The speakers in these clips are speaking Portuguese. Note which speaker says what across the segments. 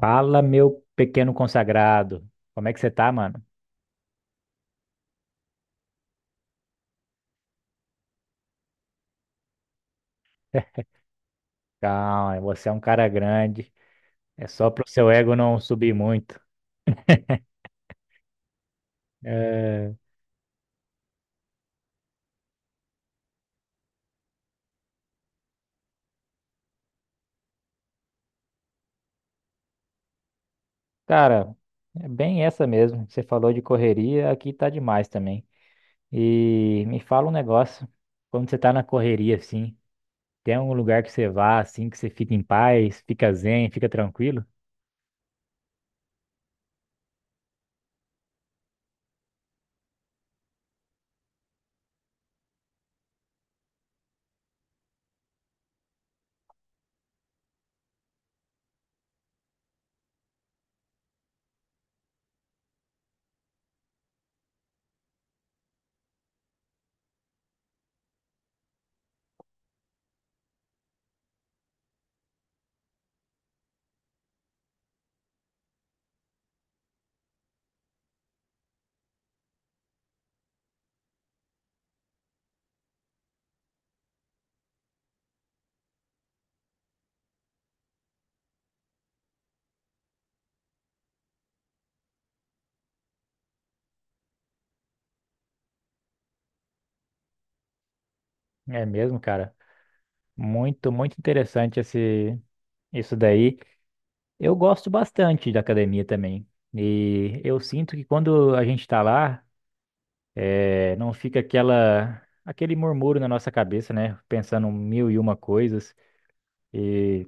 Speaker 1: Fala, meu pequeno consagrado. Como é que você tá, mano? Calma, você é um cara grande. É só pro seu ego não subir muito. É, cara, é bem essa mesmo. Você falou de correria, aqui tá demais também. E me fala um negócio. Quando você tá na correria, assim, tem algum lugar que você vá, assim, que você fica em paz, fica zen, fica tranquilo? É mesmo, cara. Muito, muito interessante isso daí. Eu gosto bastante da academia também. E eu sinto que quando a gente tá lá, não fica aquele murmúrio na nossa cabeça, né? Pensando mil e uma coisas. E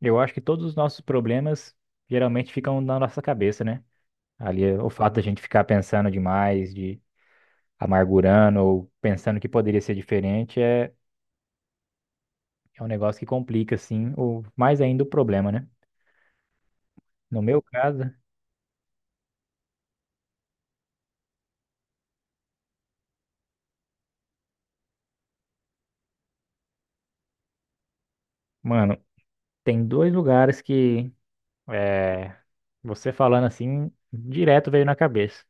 Speaker 1: eu acho que todos os nossos problemas geralmente ficam na nossa cabeça, né? Ali, o fato da gente ficar pensando demais, de amargurando ou pensando que poderia ser diferente é um negócio que complica, assim, o, mais ainda o problema, né? No meu caso, mano, tem dois lugares que. É, você falando assim, direto veio na cabeça.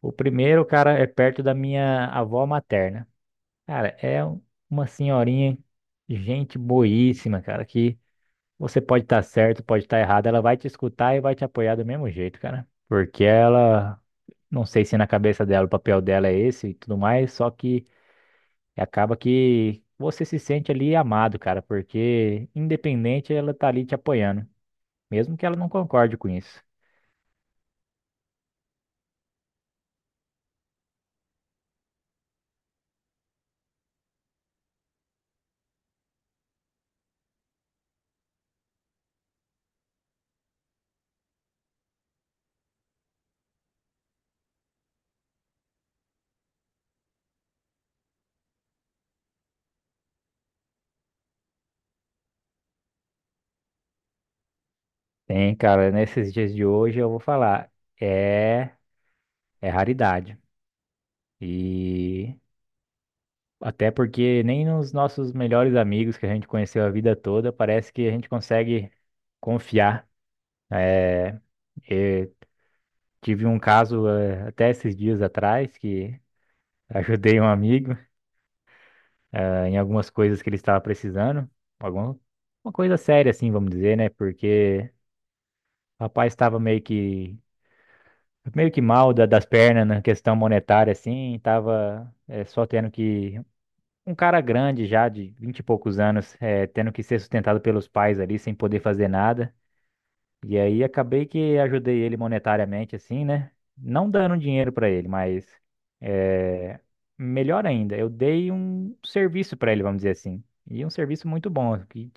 Speaker 1: O primeiro, cara, é perto da minha avó materna. Cara, é uma senhorinha, gente boíssima, cara, que você pode estar certo, pode estar errado, ela vai te escutar e vai te apoiar do mesmo jeito, cara. Porque ela, não sei se na cabeça dela o papel dela é esse e tudo mais, só que acaba que você se sente ali amado, cara, porque independente ela tá ali te apoiando, mesmo que ela não concorde com isso. Tem, cara, nesses dias de hoje eu vou falar, é, é raridade. E até porque nem nos nossos melhores amigos que a gente conheceu a vida toda, parece que a gente consegue confiar. É, eu tive um caso até esses dias atrás que ajudei um amigo em algumas coisas que ele estava precisando, alguma uma coisa séria assim, vamos dizer, né? Porque o rapaz estava meio que mal das pernas na questão monetária, assim, tava só tendo que. Um cara grande já, de 20 e poucos anos, tendo que ser sustentado pelos pais ali, sem poder fazer nada. E aí acabei que ajudei ele monetariamente, assim, né? Não dando dinheiro pra ele, mas eh, melhor ainda, eu dei um serviço pra ele, vamos dizer assim. E um serviço muito bom, que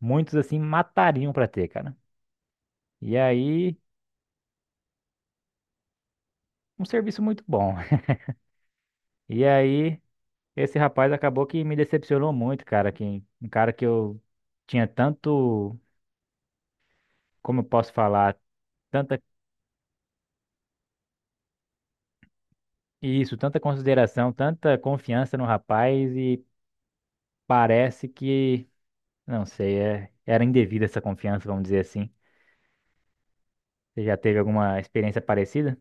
Speaker 1: muitos, assim, matariam pra ter, cara. E aí, um serviço muito bom. E aí. Esse rapaz acabou que me decepcionou muito, cara. Que, um cara que eu tinha tanto, como eu posso falar, tanta isso, tanta consideração, tanta confiança no rapaz e parece que, não sei, era indevida essa confiança, vamos dizer assim. Você já teve alguma experiência parecida?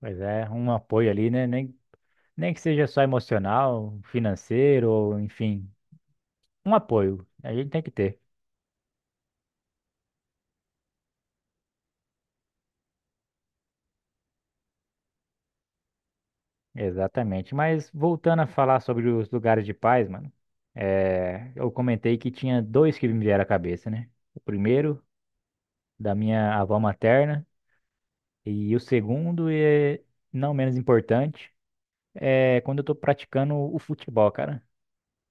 Speaker 1: Pois é, um apoio ali, né? Nem que seja só emocional, financeiro, ou enfim, um apoio. A gente tem que ter. Exatamente. Mas voltando a falar sobre os lugares de paz, mano, é, eu comentei que tinha dois que me vieram à cabeça, né? O primeiro, da minha avó materna, e o segundo, e não menos importante, é quando eu tô praticando o futebol, cara.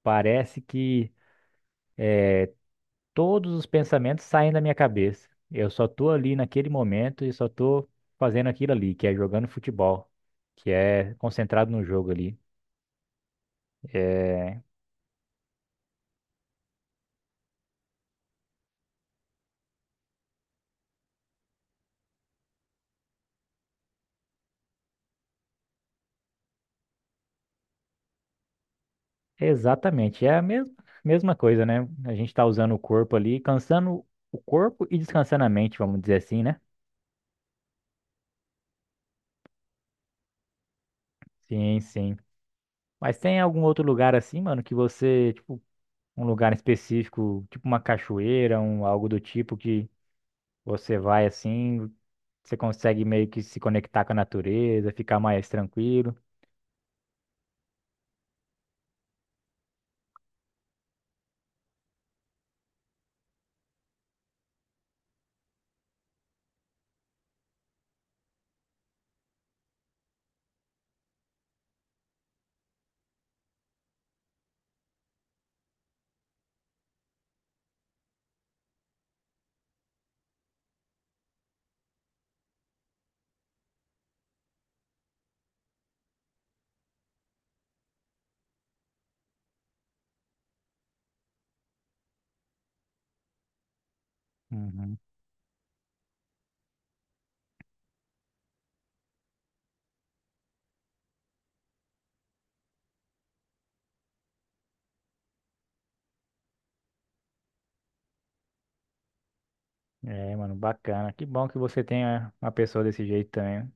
Speaker 1: Parece que todos os pensamentos saem da minha cabeça. Eu só tô ali naquele momento e só tô fazendo aquilo ali, que é jogando futebol, que é concentrado no jogo ali. É, exatamente, é a mesma coisa, né? A gente tá usando o corpo ali, cansando o corpo e descansando a mente, vamos dizer assim, né? Sim, sim. Mas tem algum outro lugar assim, mano, que você, tipo, um lugar específico, tipo uma cachoeira, algo do tipo que você vai assim, você consegue meio que se conectar com a natureza, ficar mais tranquilo. Uhum. É, mano, bacana. Que bom que você tenha uma pessoa desse jeito também.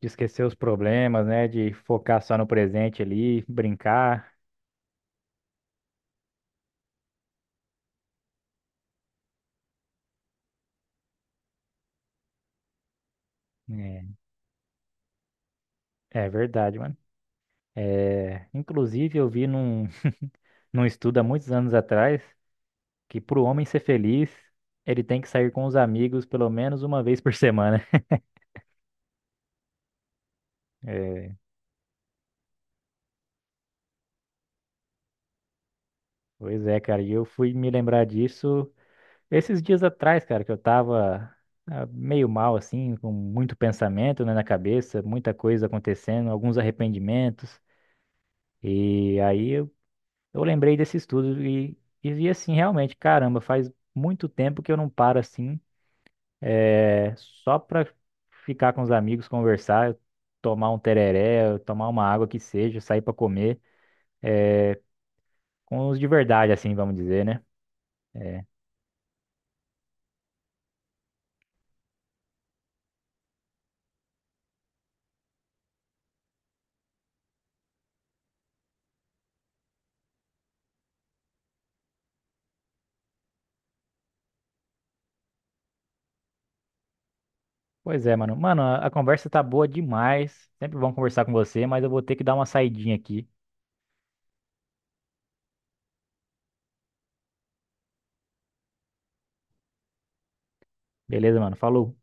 Speaker 1: De esquecer os problemas, né? De focar só no presente ali, brincar. É, é verdade, mano. É, inclusive, eu vi num estudo há muitos anos atrás que para o homem ser feliz, ele tem que sair com os amigos pelo menos uma vez por semana. É, pois é, cara. E eu fui me lembrar disso esses dias atrás, cara, que eu tava. Ah, meio mal, assim, com muito pensamento, né, na cabeça, muita coisa acontecendo, alguns arrependimentos. E aí eu lembrei desse estudo e, vi assim, realmente, caramba, faz muito tempo que eu não paro assim, só pra ficar com os amigos, conversar, tomar um tereré, tomar uma água que seja, sair pra comer, é, com os de verdade, assim, vamos dizer, né? Pois é, mano. Mano, a conversa tá boa demais. Sempre bom conversar com você, mas eu vou ter que dar uma saidinha aqui. Beleza, mano? Falou.